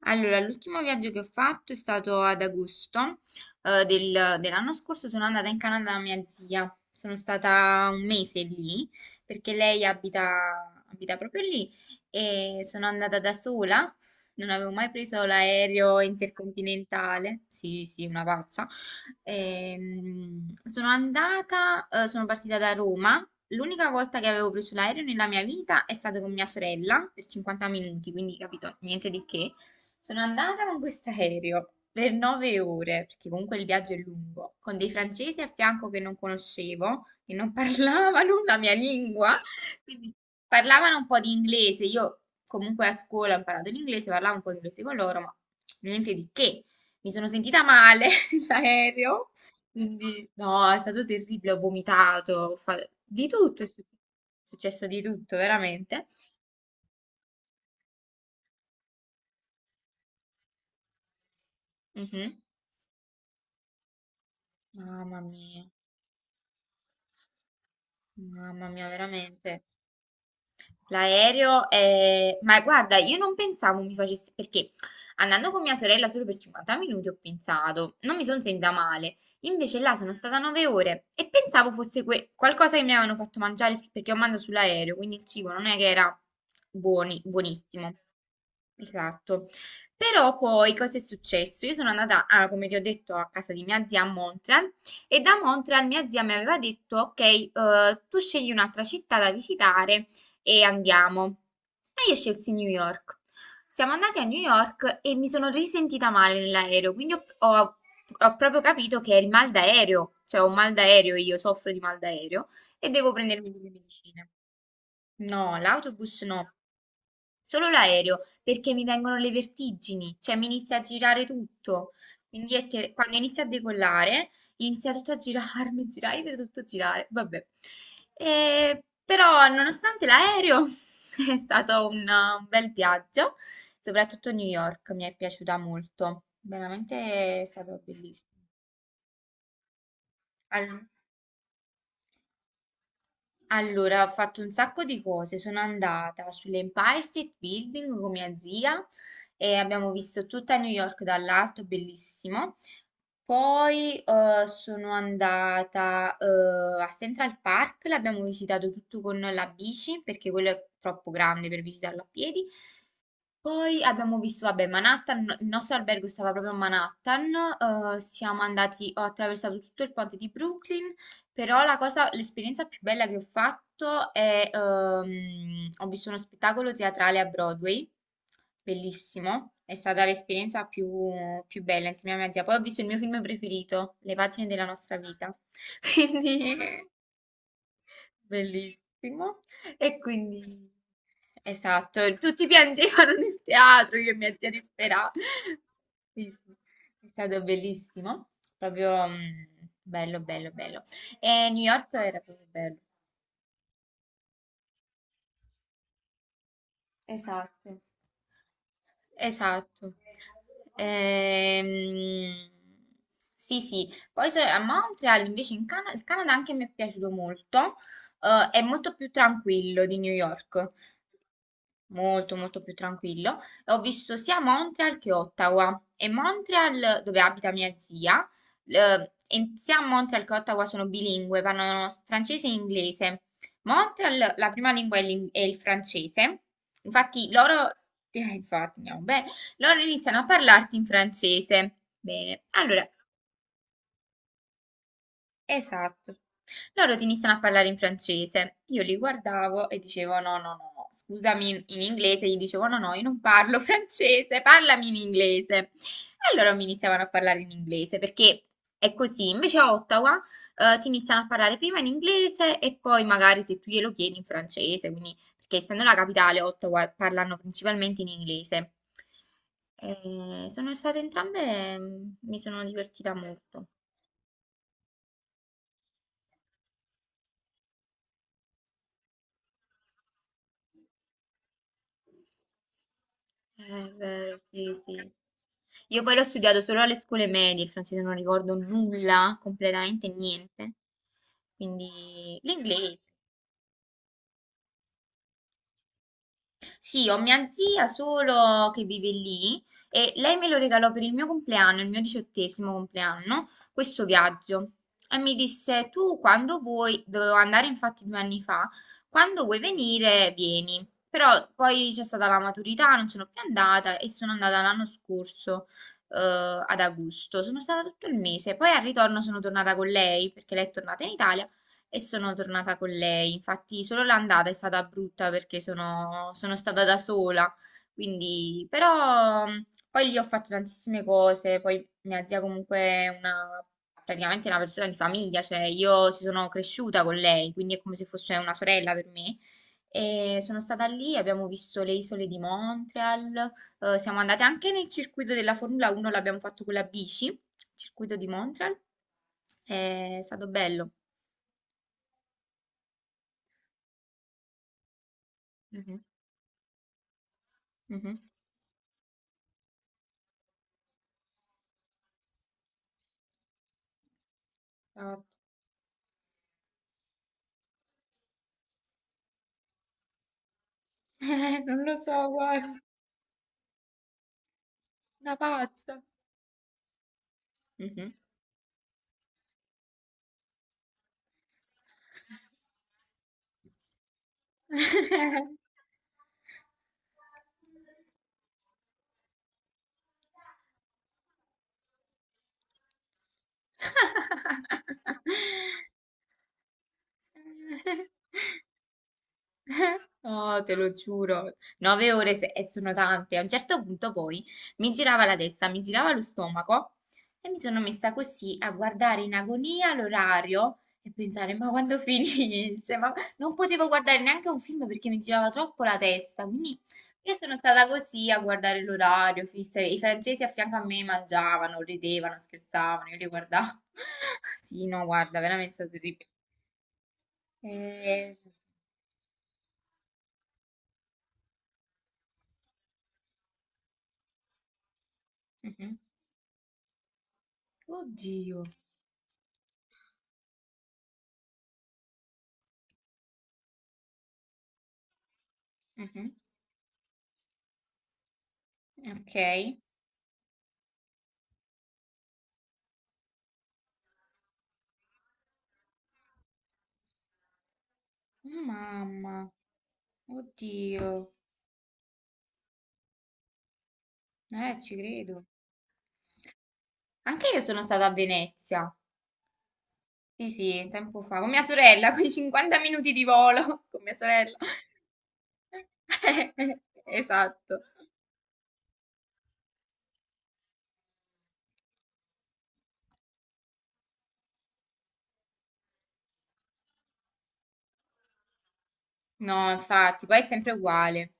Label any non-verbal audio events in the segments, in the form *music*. Allora, l'ultimo viaggio che ho fatto è stato ad agosto, dell'anno scorso. Sono andata in Canada da mia zia. Sono stata un mese lì perché lei abita proprio lì e sono andata da sola. Non avevo mai preso l'aereo intercontinentale. Sì, sì, una pazza. Sono partita da Roma. L'unica volta che avevo preso l'aereo nella mia vita è stato con mia sorella per 50 minuti, quindi capito, niente di che. Sono andata con questo aereo per 9 ore, perché comunque il viaggio è lungo, con dei francesi a fianco che non conoscevo, che non *laughs* parlavano la mia lingua, quindi parlavano un po' di inglese. Io comunque a scuola ho imparato l'inglese, parlavo un po' di inglese con loro, ma niente di che. Mi sono sentita male *laughs* nell'aereo, quindi no, è stato terribile, ho vomitato, ho fatto di tutto, è successo di tutto, veramente. Mhm. Mamma mia. Mamma mia, veramente. L'aereo è... Ma guarda, io non pensavo mi facesse... Perché andando con mia sorella solo per 50 minuti ho pensato, non mi sono sentita male. Invece là sono stata 9 ore e pensavo fosse qualcosa che mi avevano fatto mangiare perché ho mangiato sull'aereo, quindi il cibo non è che era buonissimo. Esatto. Però poi cosa è successo? Io sono andata, ah, come ti ho detto, a casa di mia zia a Montreal e da Montreal mia zia mi aveva detto, ok, tu scegli un'altra città da visitare e andiamo. E io scelsi New York. Siamo andati a New York e mi sono risentita male nell'aereo, quindi ho proprio capito che è il mal d'aereo, cioè ho un mal d'aereo, io soffro di mal d'aereo e devo prendermi delle medicine. No, l'autobus no, solo l'aereo, perché mi vengono le vertigini, cioè mi inizia a girare tutto. Quindi quando inizia a decollare, inizia tutto a girarmi, *laughs* girare, io vedo tutto girare, vabbè. Però nonostante l'aereo *laughs* è stato un bel viaggio, soprattutto New York mi è piaciuta molto, veramente è stato bellissimo. Allora, ho fatto un sacco di cose. Sono andata sull'Empire State Building con mia zia e abbiamo visto tutta New York dall'alto, bellissimo. Poi sono andata a Central Park, l'abbiamo visitato tutto con la bici perché quello è troppo grande per visitarlo a piedi. Poi abbiamo visto, vabbè, Manhattan, il nostro albergo stava proprio a Manhattan, siamo andati, ho attraversato tutto il ponte di Brooklyn, però la cosa, l'esperienza più bella che ho fatto è, ho visto uno spettacolo teatrale a Broadway, bellissimo, è stata l'esperienza più bella insieme a mia zia. Poi ho visto il mio film preferito, Le pagine della nostra vita, *laughs* quindi. Bellissimo. E quindi, esatto, tutti piangevano nel teatro, io e mia zia disperata. Sì, sì. È stato bellissimo, proprio bello, bello, bello. E New York era proprio bello. Esatto, esatto. Ehm, sì, sì. Poi a Montreal, invece, il Canada anche mi è piaciuto molto. È molto più tranquillo di New York. Molto molto più tranquillo. E ho visto sia Montreal che Ottawa e Montreal, dove abita mia zia, e sia Montreal che Ottawa sono bilingue, parlano francese e inglese. Montreal, la prima lingua è il francese, infatti loro, *laughs* infatti, andiamo bene, loro iniziano a parlarti in francese. Bene, allora. Esatto. Loro ti iniziano a parlare in francese. Io li guardavo e dicevo: No, no, no, no, scusami in inglese. Gli dicevo: No, no, io non parlo *laughs* francese, parlami in inglese. E loro mi iniziavano a parlare in inglese perché è così. Invece a Ottawa, ti iniziano a parlare prima in inglese e poi magari se tu glielo chiedi in francese. Quindi, perché essendo la capitale, Ottawa parlano principalmente in inglese. Sono state entrambe, mi sono divertita molto. È vero, sì, sì. Io poi l'ho studiato solo alle scuole medie, il francese non ricordo nulla, completamente niente. Quindi l'inglese. Sì, ho mia zia solo che vive lì e lei me lo regalò per il mio compleanno, il mio 18º compleanno, questo viaggio. E mi disse, tu quando vuoi, dovevo andare infatti 2 anni fa, quando vuoi venire, vieni. Però poi c'è stata la maturità, non sono più andata e sono andata l'anno scorso, ad agosto. Sono stata tutto il mese. Poi al ritorno sono tornata con lei perché lei è tornata in Italia e sono tornata con lei. Infatti, solo l'andata è stata brutta perché sono stata da sola. Quindi, però, poi lì ho fatto tantissime cose. Poi mia zia comunque è praticamente una persona di famiglia, cioè io ci sono cresciuta con lei, quindi è come se fosse una sorella per me. E sono stata lì, abbiamo visto le isole di Montreal, siamo andate anche nel circuito della Formula 1, l'abbiamo fatto con la bici, circuito di Montreal, è stato bello. Mhm. Mh-mh. Ah. *laughs* Non lo so, guarda, una pazza. Mh-mh. *laughs* *laughs* No, te lo giuro, 9 ore, e sono tante. A un certo punto poi mi girava la testa, mi girava lo stomaco e mi sono messa così a guardare in agonia l'orario e pensare, ma quando *laughs* finisce? Ma non potevo guardare neanche un film perché mi girava troppo la testa. Quindi io sono stata così a guardare l'orario, fissa. I francesi a fianco a me mangiavano, ridevano, scherzavano, io li guardavo. *laughs* Sì, no, guarda, veramente è stato terribile. Eh, mhm. Oddio. Mhm. Ok. Oh, mamma, oddio, ci credo. Anche io sono stata a Venezia. Sì, sì, tempo fa, con mia sorella, *laughs* con 50 minuti di volo, *laughs* con mia sorella. *laughs* Esatto. No, infatti, poi è sempre uguale.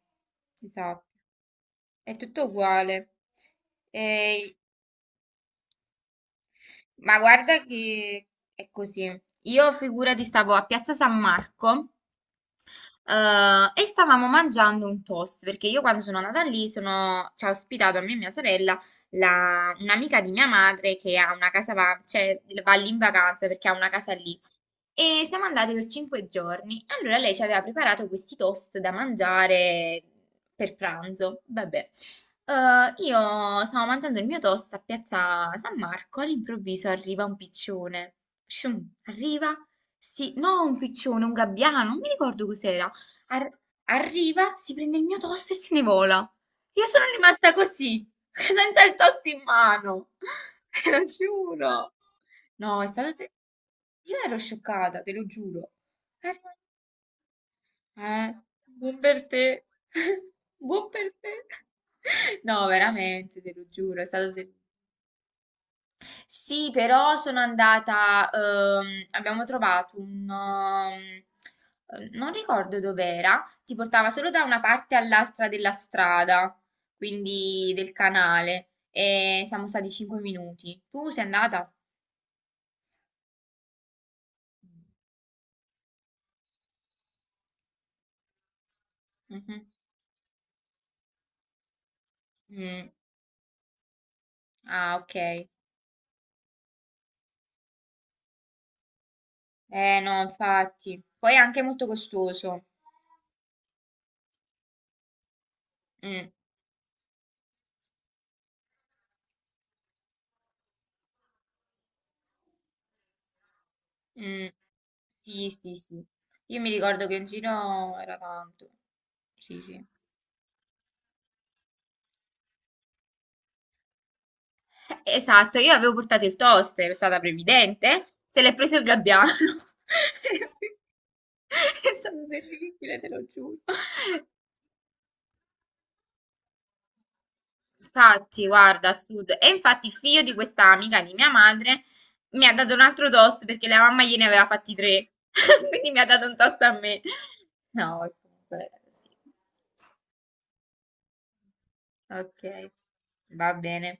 Esatto, è tutto uguale. E- Ma guarda che è così. Io figurati stavo a Piazza San Marco. E stavamo mangiando un toast perché io quando sono andata lì ci ha ospitato a me e mia sorella un'amica di mia madre che ha una casa, va, cioè, va lì in vacanza perché ha una casa lì. E siamo andati per 5 giorni. Allora lei ci aveva preparato questi toast da mangiare per pranzo. Vabbè. Io stavo mangiando il mio toast a Piazza San Marco, all'improvviso arriva un piccione. Shum, arriva, sì, no, un piccione, un gabbiano, non mi ricordo cos'era. Ar- arriva, si prende il mio toast e se ne vola. Io sono rimasta così, *laughs* senza il toast in mano. *laughs* Te lo giuro. No, io ero scioccata, te lo giuro. Eh, eh, buon per te. *laughs* Buon per te. *laughs* No, veramente, te lo giuro, sì, però sono andata, abbiamo trovato non ricordo dov'era, ti portava solo da una parte all'altra della strada, quindi del canale, e siamo stati 5 minuti. Tu sei andata? Mhm. Mm. Ah, ok. Eh no, infatti. Poi è anche molto costoso. Mm, mm. Sì, sì, sì. Io mi ricordo che in giro era tanto. Sì, sì. Esatto, io avevo portato il toaster, è stata previdente, se l'è preso il gabbiano. *laughs* È stato terribile, te lo giuro. Infatti, guarda, assurdo. E infatti il figlio di questa amica di mia madre mi ha dato un altro toast perché la mamma gliene aveva fatti tre. *laughs* Quindi mi ha dato un toast a me. No, comunque, sì. Ok, va bene.